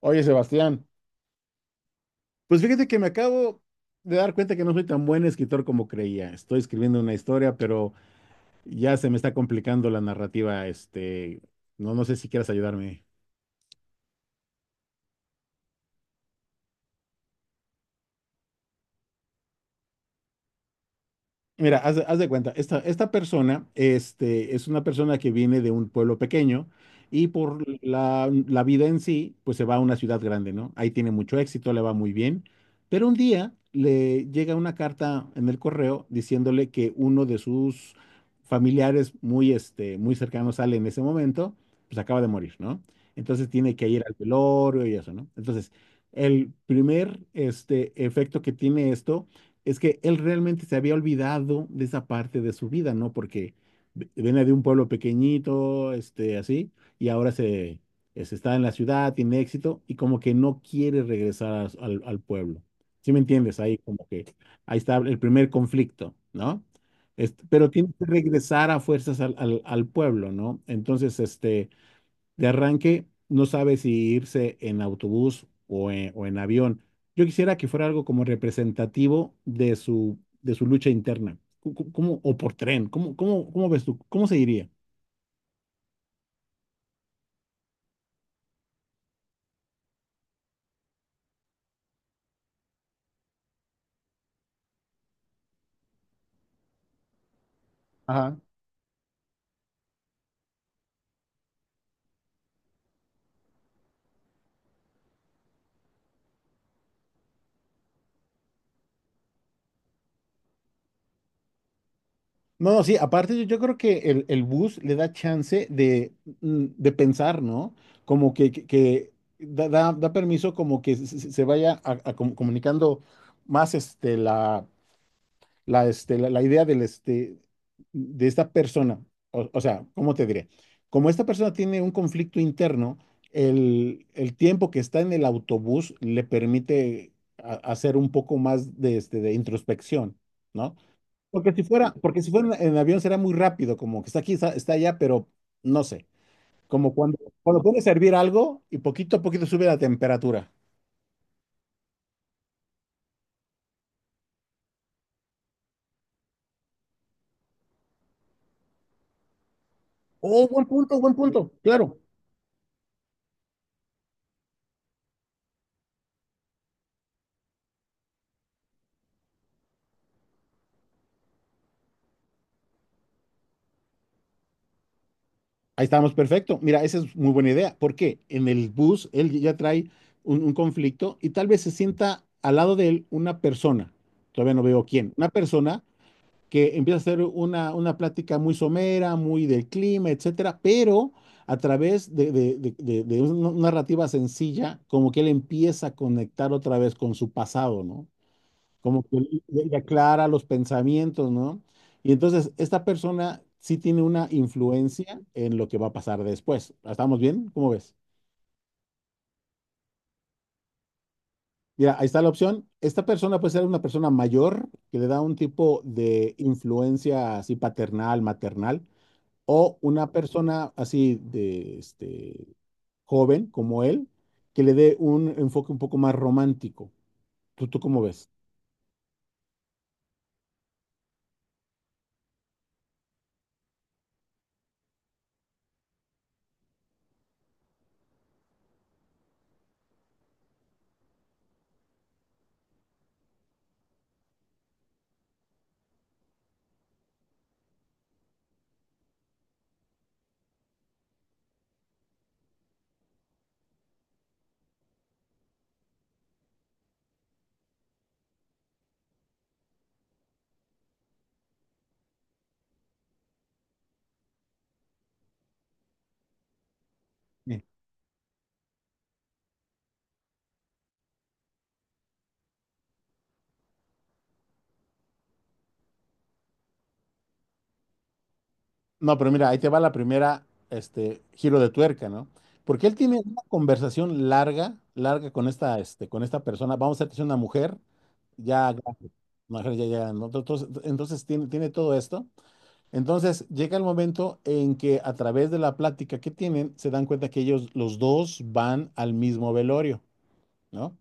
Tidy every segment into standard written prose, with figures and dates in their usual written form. Oye, Sebastián, pues fíjate que me acabo de dar cuenta que no soy tan buen escritor como creía. Estoy escribiendo una historia, pero ya se me está complicando la narrativa. No sé si quieras ayudarme. Mira, haz de cuenta, esta persona es una persona que viene de un pueblo pequeño y por la vida en sí, pues se va a una ciudad grande, ¿no? Ahí tiene mucho éxito, le va muy bien, pero un día le llega una carta en el correo diciéndole que uno de sus familiares muy cercanos sale en ese momento, pues acaba de morir, ¿no? Entonces tiene que ir al velorio y eso, ¿no? Entonces, el primer efecto que tiene esto es que él realmente se había olvidado de esa parte de su vida, ¿no? Porque viene de un pueblo pequeñito, así, y ahora se está en la ciudad, tiene éxito, y como que no quiere regresar a al pueblo. ¿Sí me entiendes? Ahí está el primer conflicto, ¿no? Pero tiene que regresar a fuerzas al pueblo, ¿no? Entonces, de arranque no sabe si irse en autobús o en avión. Yo quisiera que fuera algo como representativo de de su lucha interna. Como, o por tren, ¿ cómo ves tú? ¿Cómo se iría? Ajá. No, no, sí, aparte yo creo que el bus le da chance de, mm, de pensar, ¿no? Como que da permiso como que se vaya a comunicando más la idea de esta persona. O sea, ¿cómo te diré? Como esta persona tiene un conflicto interno, el tiempo que está en el autobús le permite hacer un poco más de, de introspección, ¿no? Porque si fuera en avión será muy rápido, como que está aquí, está allá, pero no sé. Como cuando, cuando puedes servir algo y poquito a poquito sube la temperatura. Oh, buen punto, claro. Ahí estamos, perfecto. Mira, esa es muy buena idea, porque en el bus él ya trae un conflicto y tal vez se sienta al lado de él una persona, todavía no veo quién, una persona que empieza a hacer una plática muy somera, muy del clima, etcétera, pero a través de una narrativa sencilla, como que él empieza a conectar otra vez con su pasado, ¿no? Como que le aclara los pensamientos, ¿no? Y entonces esta persona sí tiene una influencia en lo que va a pasar después. ¿Estamos bien? ¿Cómo ves? Mira, ahí está la opción. Esta persona puede ser una persona mayor que le da un tipo de influencia así paternal, maternal, o una persona así de joven como él, que le dé un enfoque un poco más romántico. ¿ tú cómo ves? No, pero mira, ahí te va la primera, giro de tuerca, ¿no? Porque él tiene una conversación larga, larga con con esta persona. Vamos a decir que es una mujer, ya, grande, una mujer ya, ya, ¿no? Entonces, entonces tiene todo esto. Entonces llega el momento en que a través de la plática que tienen, se dan cuenta que ellos, los dos, van al mismo velorio, ¿no?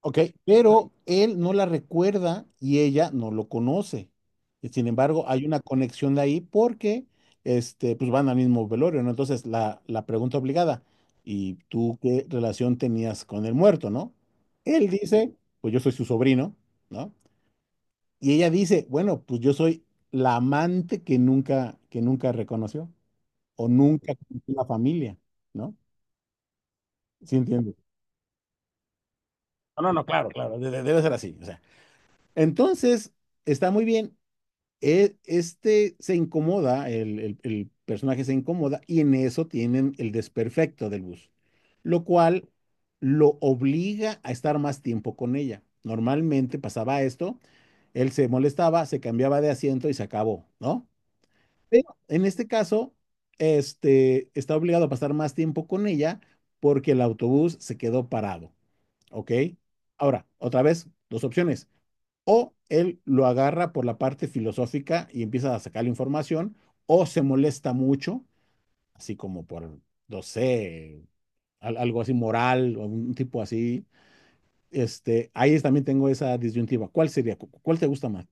Ok, pero él no la recuerda y ella no lo conoce. Y sin embargo, hay una conexión de ahí porque pues van al mismo velorio, ¿no? Entonces, la pregunta obligada, ¿y tú qué relación tenías con el muerto, no? Él dice, pues yo soy su sobrino, ¿no? Y ella dice, bueno, pues yo soy la amante que nunca reconoció o nunca conoció la familia, ¿no? ¿Sí entiendes? No, no, no, claro, claro, debe ser así. O sea, entonces, está muy bien. Este se incomoda, el personaje se incomoda y en eso tienen el desperfecto del bus, lo cual lo obliga a estar más tiempo con ella. Normalmente pasaba esto, él se molestaba, se cambiaba de asiento y se acabó, ¿no? Pero en este caso, está obligado a pasar más tiempo con ella porque el autobús se quedó parado, ¿ok? Ahora, otra vez, dos opciones: o él lo agarra por la parte filosófica y empieza a sacar la información, o se molesta mucho, así como por, no sé, algo así moral o un tipo así. Ahí también tengo esa disyuntiva. ¿Cuál sería? ¿Cuál te gusta más?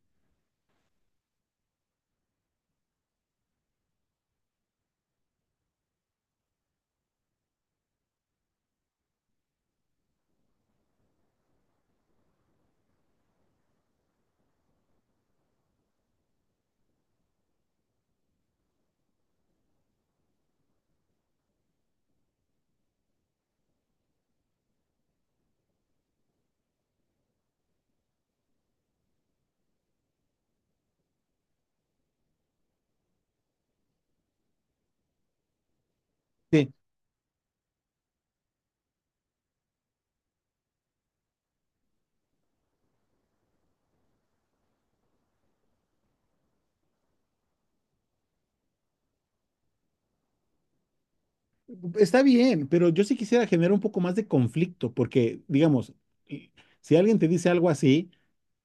Sí. Está bien, pero yo sí quisiera generar un poco más de conflicto, porque, digamos, y- si alguien te dice algo así,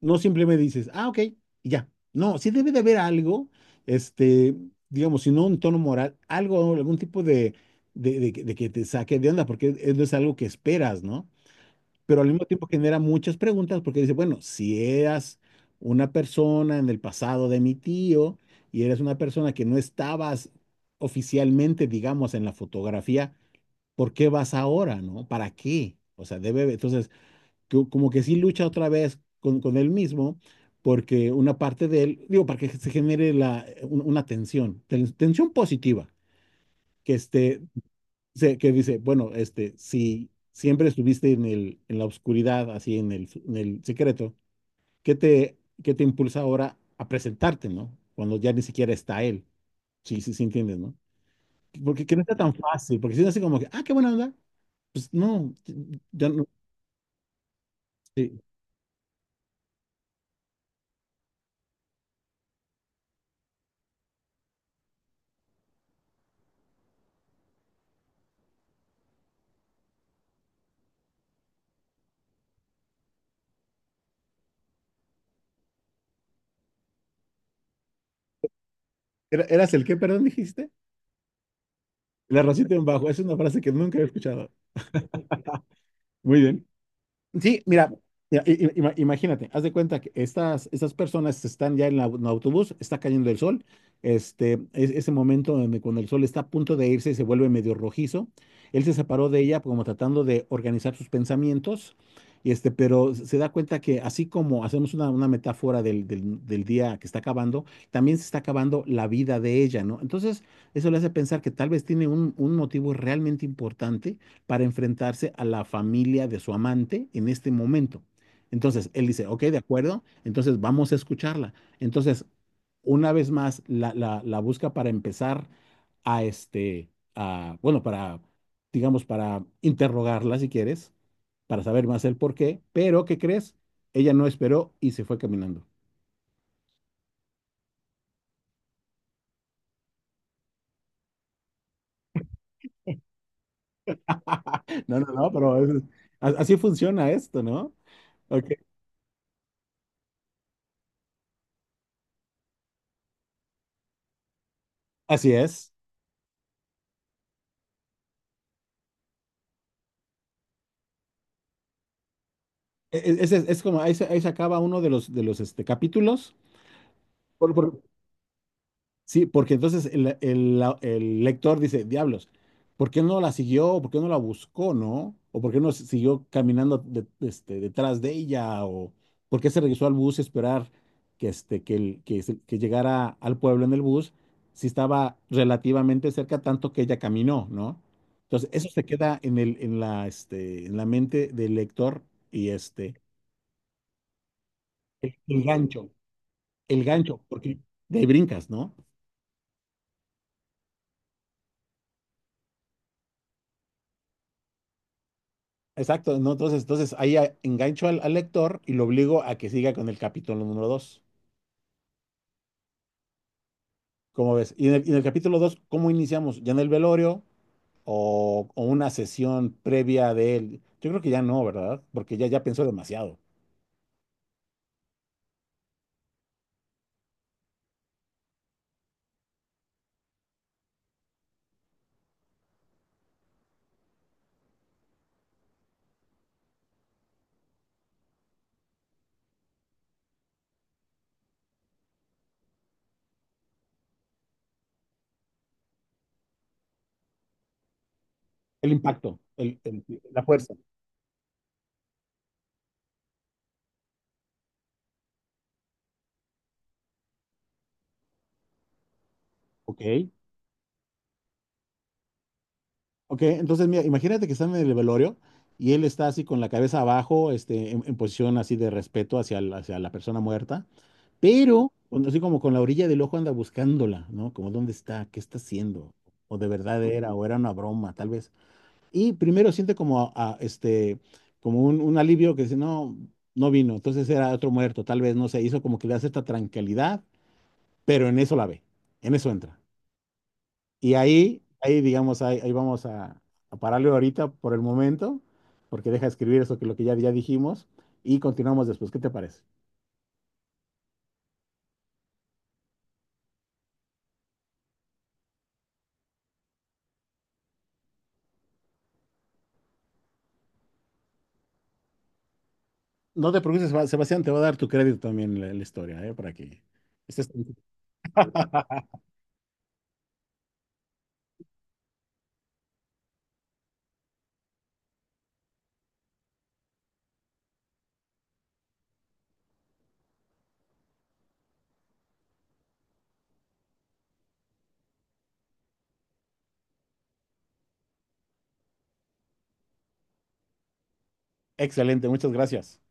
no simplemente dices, ah, ok, y ya. No, sí debe de haber algo, este, digamos, si no un tono moral, algo, algún tipo de, de que te saque de onda, porque no es algo que esperas, ¿no? Pero al mismo tiempo genera muchas preguntas, porque dice, bueno, si eras una persona en el pasado de mi tío y eres una persona que no estabas oficialmente, digamos, en la fotografía, ¿por qué vas ahora, no? ¿Para qué? O sea, debe, entonces, como que sí lucha otra vez con él mismo, porque una parte de él, digo, para que se genere una tensión, tensión positiva, que este, que dice, bueno, si siempre estuviste en en la oscuridad, así en en el secreto, ¿qué te, ¿qué te impulsa ahora a presentarte, no? Cuando ya ni siquiera está él. Sí, sí, sí, entiendes, ¿no? Porque que no está tan fácil, porque si no es así como que, ah, qué buena onda, pues no, ya no. Sí. ¿Era- ¿Eras el qué, perdón, dijiste? La rosita en bajo, es una frase que nunca he escuchado. Muy bien. Sí, mira, mira, imagínate, haz de cuenta que estas personas están ya en, en el autobús, está cayendo el sol, ese momento donde cuando el sol está a punto de irse y se vuelve medio rojizo, él se separó de ella como tratando de organizar sus pensamientos, y pero se da cuenta que así como hacemos una metáfora del día que está acabando, también se está acabando la vida de ella, ¿no? Entonces, eso le hace pensar que tal vez tiene un motivo realmente importante para enfrentarse a la familia de su amante en este momento. Entonces, él dice, ok, de acuerdo, entonces vamos a escucharla. Entonces, una vez más, la busca para empezar a este, a, bueno, para, digamos, para interrogarla, si quieres, para saber más el por qué, pero ¿qué crees? Ella no esperó y se fue caminando. No, no, no, pero así funciona esto, ¿no? Ok, así es. Ese es como, ahí ahí se acaba uno de los capítulos. Por- por- sí, porque entonces el lector dice, diablos, ¿por qué no la siguió? ¿Por qué no la buscó, no? ¿O por qué no siguió caminando detrás de ella? ¿O por qué se regresó al bus a esperar que, este, que, el- que, se- que llegara al pueblo en el bus si estaba relativamente cerca, tanto que ella caminó, ¿no? Entonces, eso se queda en el, en la, este, en la mente del lector y el gancho, el gancho, porque de ahí brincas, ¿no? Exacto, ¿no? Entonces, entonces ahí engancho al lector y lo obligo a que siga con el capítulo número dos. ¿Cómo ves? Y en el capítulo 2, ¿cómo iniciamos? ¿Ya en el velorio o una sesión previa de él? Yo creo que ya no, ¿verdad? Porque ya, ya pensó demasiado. El impacto, la fuerza. Ok. Ok, entonces mira, imagínate que están en el velorio y él está así con la cabeza abajo, en posición así de respeto hacia, hacia la persona muerta, pero así como con la orilla del ojo anda buscándola, ¿no? Como dónde está, qué está haciendo, o de verdad era, o era una broma, tal vez. Y primero siente como, como un alivio que dice, no, no vino, entonces era otro muerto, tal vez, no sé, hizo como que le da cierta tranquilidad, pero en eso la ve, en eso entra. Y ahí, ahí digamos, ahí vamos a pararle ahorita por el momento, porque deja de escribir eso que lo que ya dijimos y continuamos después. ¿Qué te parece? No te preocupes, Sebastián, te va a dar tu crédito también la historia, ¿eh? Para que estés... Excelente, muchas gracias.